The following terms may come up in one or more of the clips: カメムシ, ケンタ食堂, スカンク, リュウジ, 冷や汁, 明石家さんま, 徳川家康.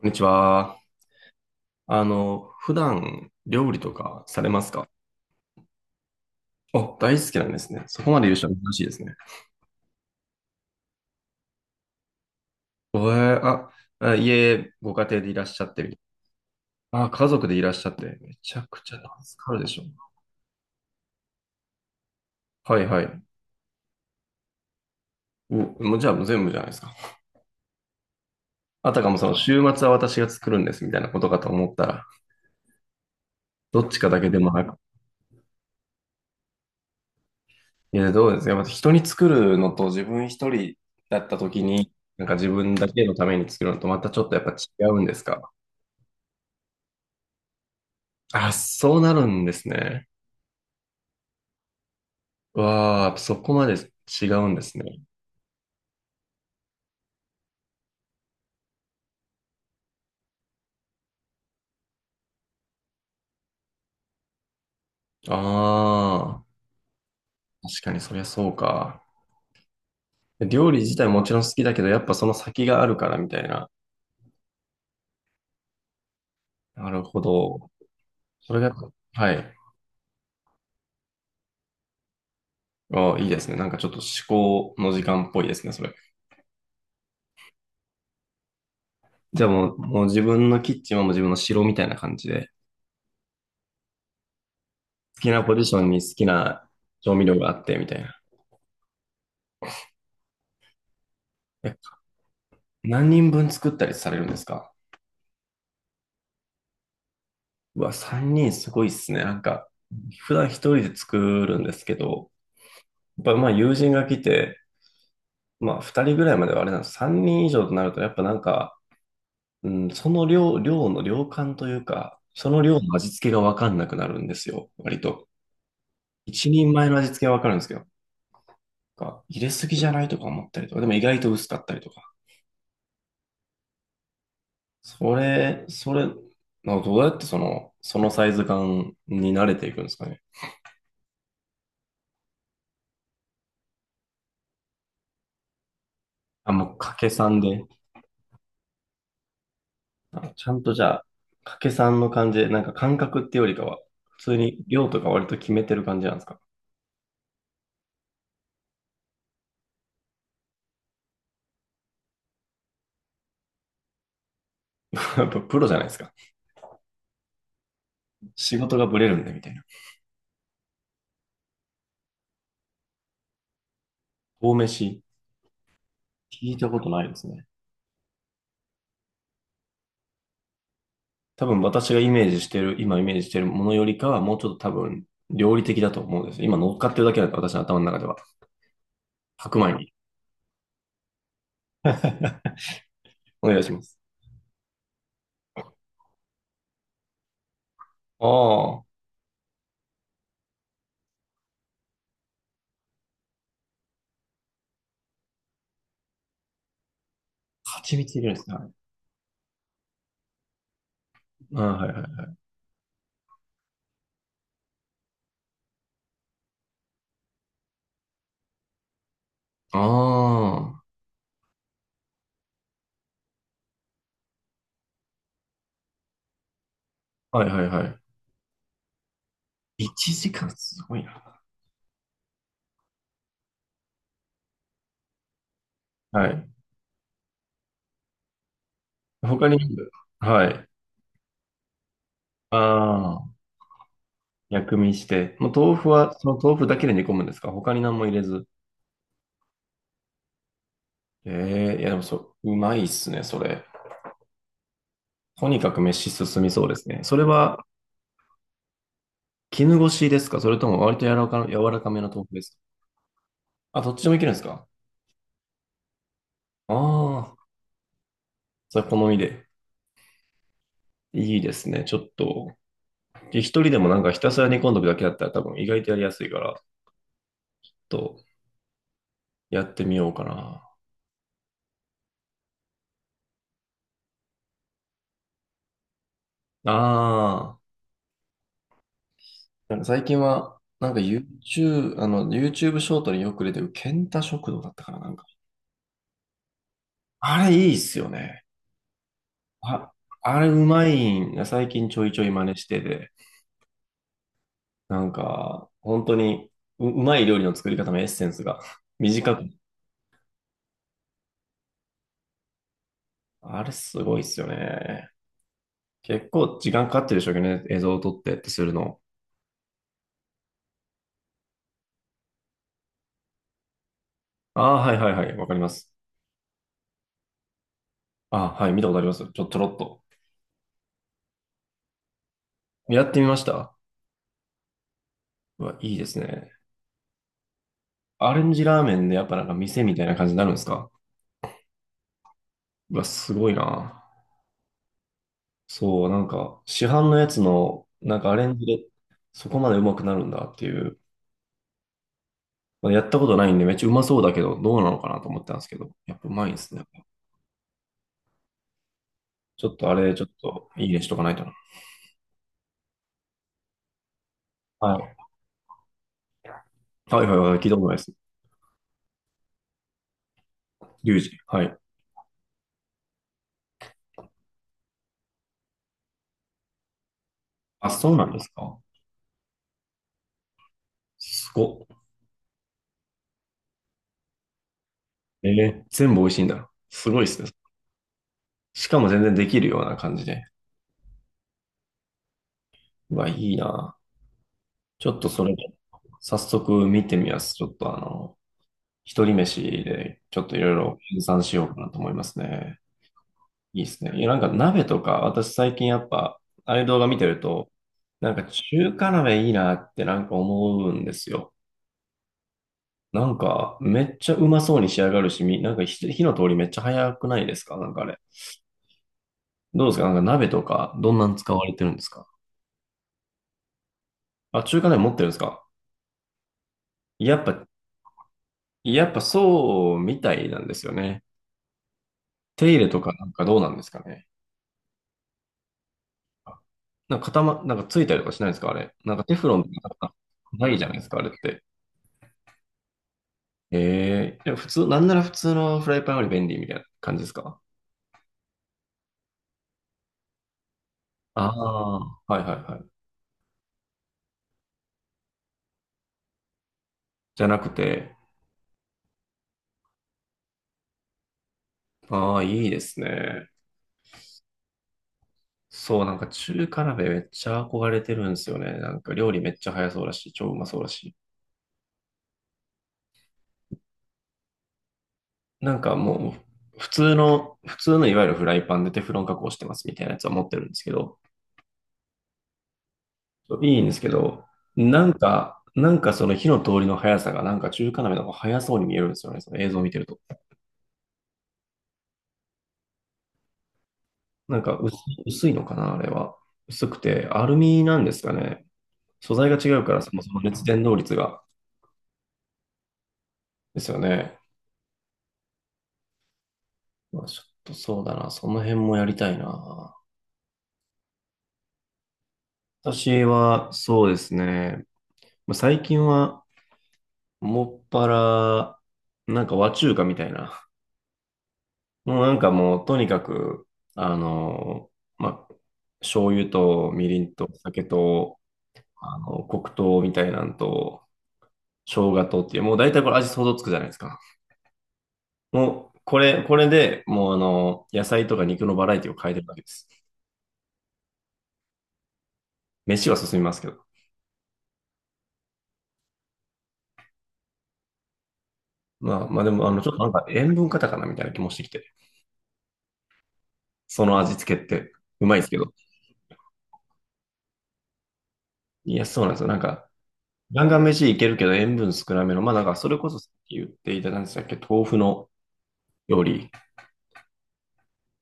こんにちは。普段料理とかされますか？お大好きなんですね。そこまで言う人は珍しいですね。えー、あ、あ家、ご家庭でいらっしゃってる。あ、家族でいらっしゃって。めちゃくちゃ助かるでしょ。はいはい。お、もうじゃあもう全部じゃないですか。あたかもその週末は私が作るんですみたいなことかと思ったら、どっちかだけでもなく。いや、どうですか。やっぱ人に作るのと自分一人だった時に、なんか自分だけのために作るのとまたちょっとやっぱ違うんですか？あ、そうなるんですね。わあ、そこまで違うんですね。ああ、確かにそりゃそうか。料理自体もちろん好きだけど、やっぱその先があるからみたいな。なるほど。それが、はい。ああ、いいですね。なんかちょっと思考の時間っぽいですね、それ。じゃあもう自分のキッチンはもう自分の城みたいな感じで、好きなポジションに好きな調味料があってみたいな。え何人分作ったりされるんですか？うわ、3人すごいっすね。なんか、普段一人で作るんですけど、やっぱまあ友人が来て、まあ2人ぐらいまではあれなんです。3人以上となると、やっぱなんか、うん、その量の量感というか、その量の味付けがわかんなくなるんですよ、割と。一人前の味付けはわかるんですけど、なんか入れすぎじゃないとか思ったりとか、でも意外と薄かったりとか。それ、それ、なんかどうやってそのサイズ感に慣れていくんですかね。あ、もう掛け算で。あちゃんとじゃあ、掛け算の感じで、なんか感覚ってよりかは、普通に量とか割と決めてる感じなんですか？ やっぱプロじゃないですか。仕事がブレるんでみたいな。大飯、聞いたことないですね。多分私がイメージしてる、今イメージしてるものよりかは、もうちょっと多分料理的だと思うんですよ。今乗っかってるだけなんで、私の頭の中では。白米に。お願いします。ああ、蜂蜜入れるんですね。はいああ、はいはい。ああ、はいはいはい。1時間すごいな。はい。他に、はい。ああ、薬味して。もう豆腐は、その豆腐だけで煮込むんですか？他に何も入れず。ええいやでもそう、うまいっすね、それ。とにかく飯進みそうですね。それは、絹ごしですかそれとも割と柔らかめの豆腐ですか？あ、どっちでもいけるんですか？ああ、それ好みで。いいですね、ちょっと。一人でもなんかひたすら煮込んどくだけだったら多分意外とやりやすいから、ちょっとやってみようかな。ああ。なんか最近は、なんか YouTube、あの、YouTube ショートによく出てる、ケンタ食堂だったから、なんか。あれいいっすよね。あ、あれうまいんが最近ちょいちょい真似してて、なんか、本当にうまい料理の作り方のエッセンスが 短く。あれすごいっすよね。結構時間かかってるでしょうけどね、映像を撮ってってするの。ああ、はいはいはい、わかります。ああ、はい、見たことあります。ちょろっと。やってみました。うわ、いいですね。アレンジラーメンでやっぱなんか店みたいな感じになるんですか？うわ、すごいな。そう、なんか、市販のやつの、なんかアレンジで、そこまでうまくなるんだっていう。まあやったことないんで、めっちゃうまそうだけど、どうなのかなと思ったんですけど、やっぱうまいんですね。ちょっとあれ、ちょっと、いいねしとかないとな。はい。はいはいはい、聞いたことないです。リュウジ。はい。あ、そうなんですか。すごっ。えー、全部美味しいんだ。すごいですね。しかも全然できるような感じで。うわ、いいな。ちょっとそれ、早速見てみます。ちょっと一人飯でちょっといろいろ計算しようかなと思いますね。いいですね。いや、なんか鍋とか、私最近やっぱ、ああいう動画見てると、なんか中華鍋いいなってなんか思うんですよ。なんかめっちゃうまそうに仕上がるし、なんか火の通りめっちゃ早くないですかなんかあれ。どうですかなんか鍋とか、どんなん使われてるんですか？あ、中華鍋持ってるんですか？やっぱ、やっぱそうみたいなんですよね。手入れとかなんかどうなんですかね。なんか固ま、なんかついたりとかしないんですかあれ。なんかテフロンとかなんかないじゃないですかあれって。ええ、でも普通、なんなら普通のフライパンより便利みたいな感じですか？ああ、はいはいはい。じゃなくて、ああ、いいですね。そう、なんか中華鍋めっちゃ憧れてるんですよね。なんか料理めっちゃ早そうだし、超うまそうだし。なんかもう、普通のいわゆるフライパンでテフロン加工してますみたいなやつは持ってるんですけど、いいんですけど、なんかその火の通りの速さが、なんか中華鍋の方が速そうに見えるんですよね、その映像を見てると。なんか薄いのかな、あれは。薄くて、アルミなんですかね。素材が違うから、そもそも熱伝導率が。ですよね。まあ、ちょっとそうだな、その辺もやりたいな。私は、そうですね。まあ最近は、もっぱら、なんか和中華みたいな。もうなんかもう、とにかく、あの、まあ、醤油とみりんと酒と、黒糖みたいなんと、生姜とっていう、もう大体これ味想像つくじゃないですか。もう、これでもう野菜とか肉のバラエティを変えてるだけです。飯は進みますけど。まあでも、ちょっとなんか塩分過多かなみたいな気もしてきて。その味付けって、うまいですけど。いや、そうなんですよ。なんか、ガンガン飯いけるけど塩分少なめの、まあなんか、それこそさっき言っていただいたんでしたっけ、豆腐の料理。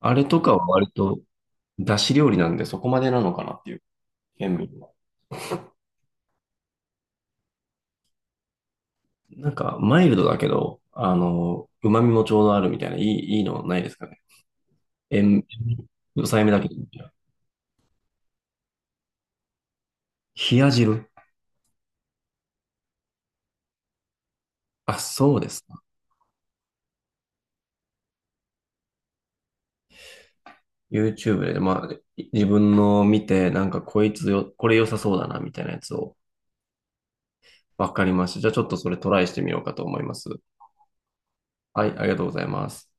あれとかは割と、出汁料理なんでそこまでなのかなっていう、塩分は。なんか、マイルドだけど、旨味もちょうどあるみたいな、いいのないですかね。塩、抑えめだけど。冷や汁。あ、そうですか。YouTube で、まあ、自分の見て、なんかこいつよ、これ良さそうだな、みたいなやつを、わかりました。じゃあちょっとそれトライしてみようかと思います。はい、ありがとうございます。